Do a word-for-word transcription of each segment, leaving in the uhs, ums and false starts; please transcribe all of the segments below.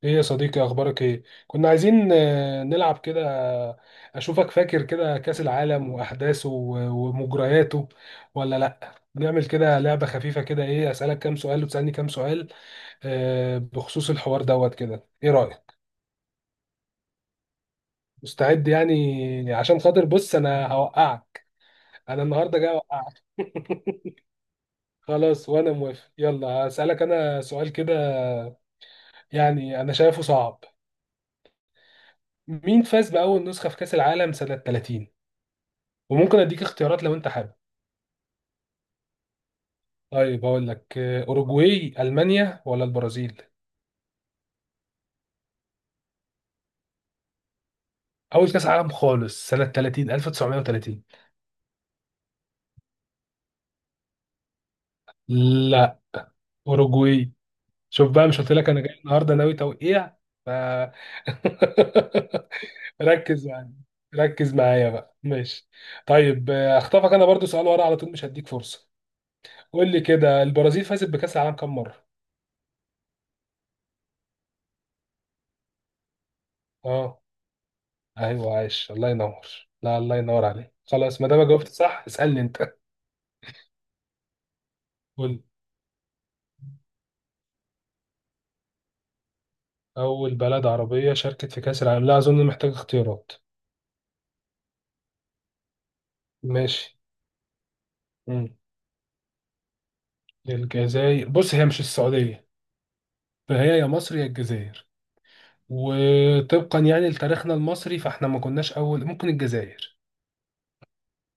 ايه يا صديقي، اخبارك ايه؟ كنا عايزين آه، نلعب كده. اشوفك فاكر كده كاس العالم واحداثه و- ومجرياته، ولا لا نعمل كده لعبة خفيفة كده، ايه اسالك كام سؤال وتسالني كام سؤال؟ آه، بخصوص الحوار دوت كده ايه رايك؟ مستعد يعني، عشان خاطر بص انا هوقعك. انا النهارده جاي اوقعك خلاص وانا موافق. يلا اسالك انا سؤال كده، يعني انا شايفه صعب. مين فاز باول نسخة في كاس العالم سنة ثلاثين؟ وممكن اديك اختيارات لو انت حابب. طيب هقول لك آه، اوروجواي، المانيا ولا البرازيل؟ اول كاس عالم خالص سنه تلاتين، ألف وتسعمية وتلاتين. لا، اوروجواي. شوف بقى، مش قلت لك انا جاي النهارده ناوي توقيع؟ ف ركز معايا ركز معايا بقى، ماشي. طيب آه، هخطفك انا برضو سؤال ورا على طول، مش هديك فرصه. قول لي كده، البرازيل فازت بكاس العالم كام مره؟ اه، ايوه، عايش، الله ينور. لا، الله ينور عليك. خلاص، ما دام جاوبت صح اسالني انت. أول بلد عربية شاركت في كأس العالم؟ لا أظن محتاج اختيارات. ماشي. مم. الجزائر، بص هي مش السعودية، فهي يا مصر يا الجزائر. وطبقا يعني لتاريخنا المصري، فاحنا ما كناش أول، ممكن الجزائر،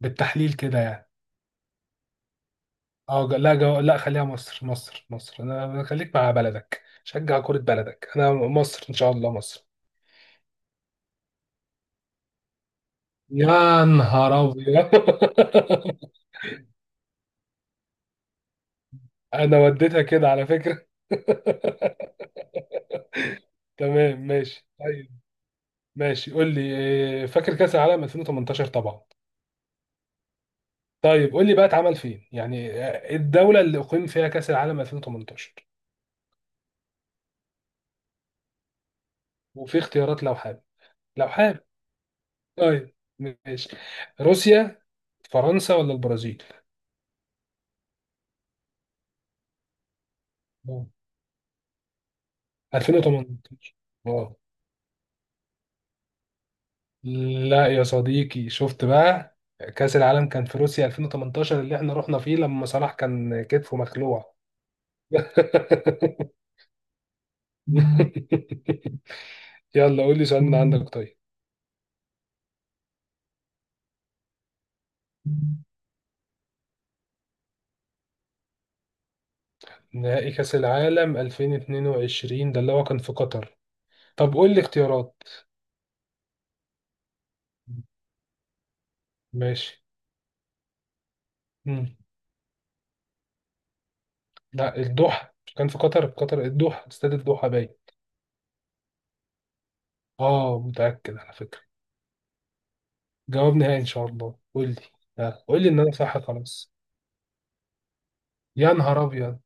بالتحليل كده يعني. اه، ج- لا، جو... لا، خليها مصر مصر مصر انا أنا خليك مع بلدك، شجع كرة بلدك. انا مصر، ان شاء الله مصر. يا نهار ابيض انا وديتها كده على فكرة تمام ماشي طيب. ماشي قول لي. آه، فاكر كأس العالم ألفين وتمنتاشر طبعا؟ طيب قول لي بقى، اتعمل فين يعني، آه، الدولة اللي أقيم فيها كأس العالم ألفين وتمنتاشر؟ وفي اختيارات لو حابب، لو حابب. طيب ماشي، روسيا، فرنسا ولا البرازيل؟ آه. ألفين وتمنتاشر. اه، لا يا صديقي، شفت بقى؟ كأس العالم كان في روسيا ألفين وتمنتاشر، اللي احنا رحنا فيه لما صلاح كان كتفه مخلوع. يلا قول لي سؤال من عندك. طيب. نهائي كأس العالم ألفين واتنين وعشرين، ده اللي هو كان في قطر. طب قول لي اختيارات. ماشي. مم. لا، الدوحة، مش كان في قطر؟ في قطر الدوحة، استاد الدوحة باين. اه متأكد على فكرة. جواب نهائي ان شاء الله. قول لي. آه. قول لي ان انا صح خلاص. يا نهار ابيض.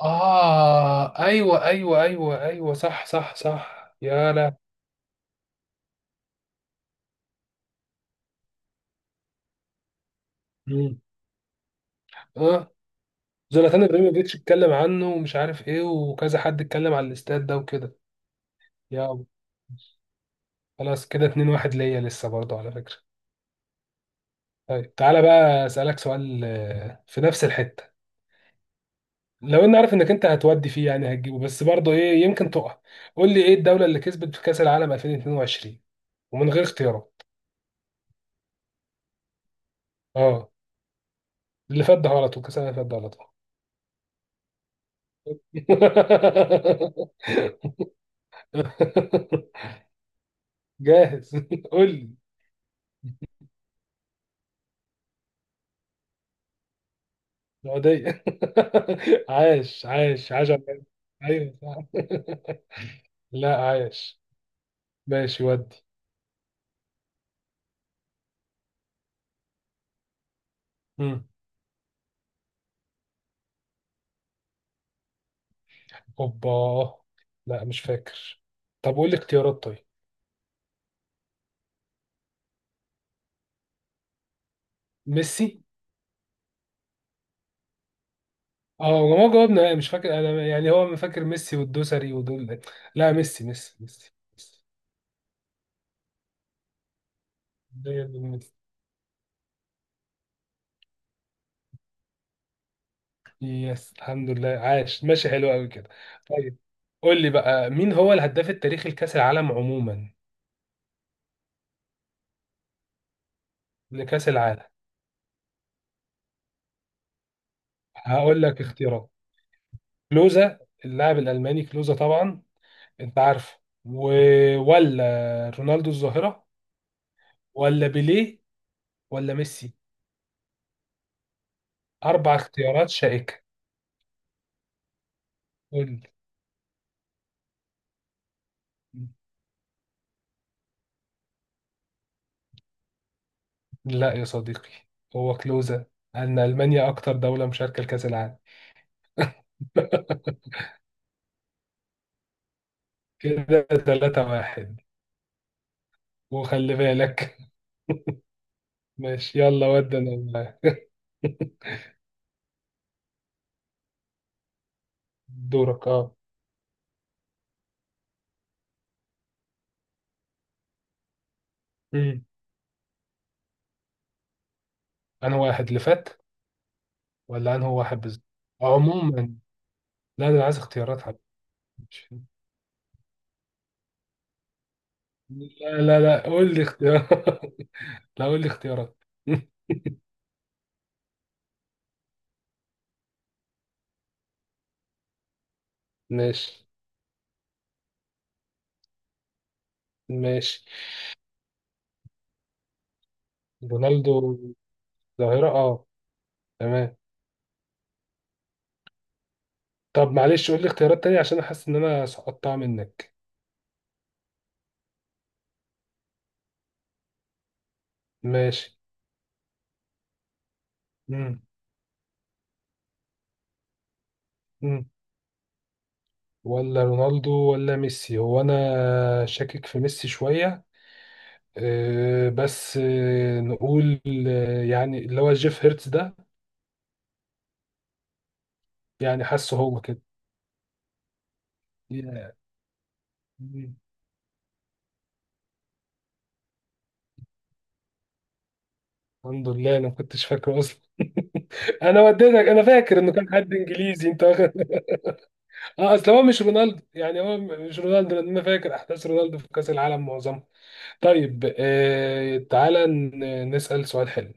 اه ايوه ايوه ايوه ايوه صح صح صح، يا لا. مم. اه، زلاتان ابراهيموفيتش اتكلم عنه، ومش عارف ايه، وكذا حد اتكلم على الاستاد ده وكده. يا، خلاص كده اتنين واحد ليا لسه برضه على فكرة. طيب تعالى بقى أسألك سؤال آه، في نفس الحتة. لو اني عارف انك انت هتودي فيه، يعني هتجيبه، بس برضه ايه، يمكن تقع. قول لي ايه الدولة اللي كسبت في كأس العالم ألفين واتنين وعشرين، ومن غير اختيارات. اه، اللي فات ده غلط، وكأس العالم اللي فات ده غلط. جاهز. قول لي. السعودية. عاش عاش عاش على- ايوه صح لا عايش. ماشي ودي. مم. اوبا، لا مش فاكر. طب قول لي اختيارات طيب. ميسي. اه، ما هو جاوبنا، لا مش فاكر انا يعني، هو ما فاكر ميسي والدوسري ودول. لا ميسي ميسي ميسي ميسي. زي اللي ميسي. يس الحمد لله، عاش، ماشي حلو قوي كده. طيب قول لي بقى، مين هو الهداف التاريخي لكأس العالم عموما؟ لكأس العالم. هقول لك اختيارات. كلوزا، اللاعب الألماني كلوزا طبعا، انت عارفه. و... ولا رونالدو الظاهرة، ولا بيليه، ولا ميسي؟ أربع اختيارات شائكة. قول لي. لا يا صديقي، هو كلوزة، أن ألمانيا أكتر دولة مشاركة لكأس العالم. كده ثلاثة واحد. وخلي بالك. ماشي يلا ودي أنا معاك. دورك أه. مم. أنا واحد اللي فات، ولا أنا هو واحد بالظبط؟ عموما. لا أنا عايز اختيارات حبيبي. ماشي. لا لا لا قول لي اختيارات لا قول لي اختيارات ماشي. ماشي. رونالدو، ظاهرة أه. تمام. طب معلش قول لي اختيارات تانية، عشان احس ان انا سقطتها منك. ماشي. مم. مم. ولا رونالدو ولا ميسي. هو انا شاكك في ميسي شوية. أه بس أه، نقول آه، يعني اللي هو جيف هيرتز ده. يعني حاسه هو كده. يا. مم. الحمد لله انا ما كنتش فاكره اصلا. انا وديتك. انا فاكر انه كان حد انجليزي انت واخد. اه، اصل هو مش رونالدو يعني، هو مش رونالدو، لان انا فاكر احداث رونالدو في كاس العالم معظمها. طيب آه تعالى ن- نسأل سؤال حلو.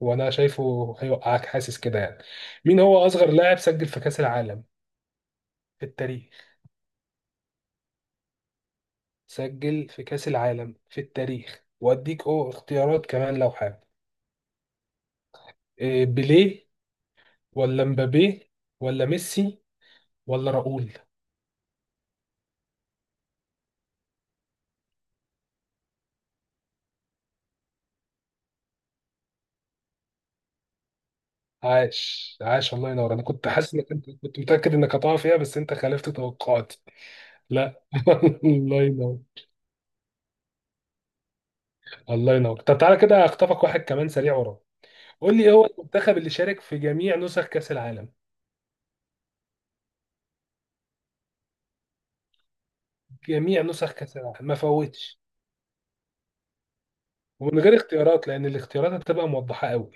وانا شايفه هيوقعك، حاسس كده يعني. مين هو اصغر لاعب سجل في كأس العالم في التاريخ؟ سجل في كأس العالم في التاريخ، واديك او اختيارات كمان لو حابب. آه، بيليه، ولا مبابي، ولا ميسي، ولا راؤول؟ عاش عاش الله ينور. انا كنت حاسس انك انت كنت متأكد انك هتقع فيها، بس انت خالفت توقعاتي. لا الله ينور. الله ينور. طب تعالى كده اخطفك واحد كمان سريع ورا. قول لي إيه هو المنتخب اللي شارك في جميع نسخ كأس العالم؟ جميع نسخ كأس العالم، ما فوتش، ومن غير اختيارات لأن الاختيارات هتبقى موضحة قوي.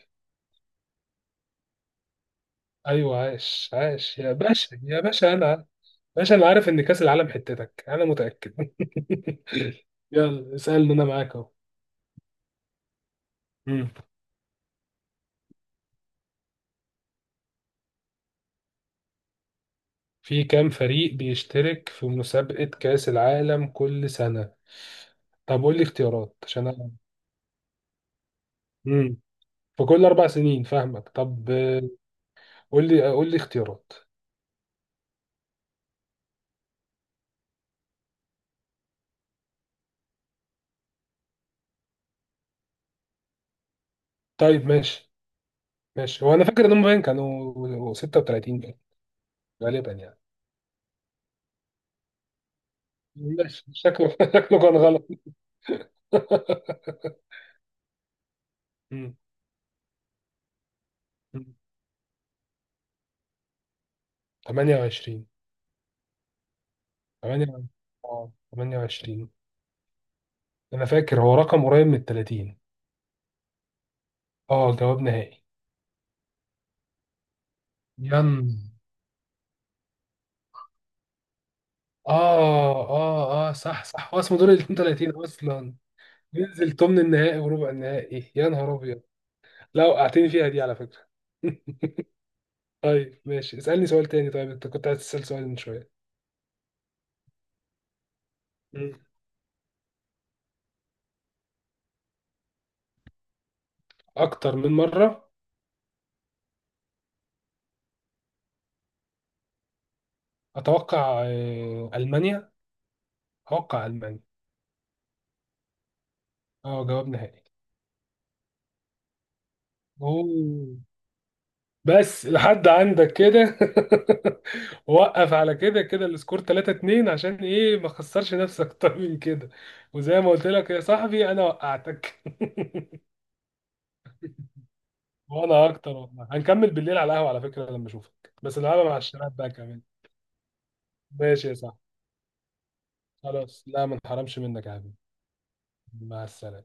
أيوه عاش عاش يا باشا، يا باشا أنا باشا. أنا عارف إن كأس العالم حتتك أنا متأكد يلا اسألني أنا معاك أهو. مم. في كام فريق بيشترك في مسابقة كأس العالم كل سنة؟ طب قول لي اختيارات عشان أنا. مم. في كل أربع سنين، فاهمك. طب آه، قول لي قول لي اختيارات طيب. ماشي. ماشي، هو انا فاكر ان هم باين كانوا ستة وتلاتين، باين غالبا يعني. ماشي شكله شكله كان غلط. مم. مم. ثمانية وعشرين. ثمانية. اه، تمنية وعشرين. انا فاكر هو رقم قريب من ال تلاتين. اه جواب نهائي. ين، اه اه اه صح صح، هو اسمه دور ال اتنين وتلاتين اصلا. ينزل ثمن النهائي وربع النهائي. يا نهار ابيض، لا وقعتني فيها دي على فكرة. طيب ماشي. اسألني سؤال تاني. طيب انت كنت عايز تسأل سؤال من شوية. مم. اكتر من مرة. اتوقع آه، المانيا، اتوقع المانيا. اه جواب نهائي. اوه. بس لحد عندك كده وقف على كده كده، السكور ثلاثة اثنين، عشان ايه ما خسرش نفسك اكتر من كده. وزي ما قلت لك يا صاحبي، انا وقعتك وانا اكتر والله. هنكمل بالليل على القهوه على فكره لما اشوفك، بس نلعبها مع الشباب بقى كمان. ماشي يا صاحبي. خلاص، لا ما نحرمش منك يا حبيبي. مع السلامه.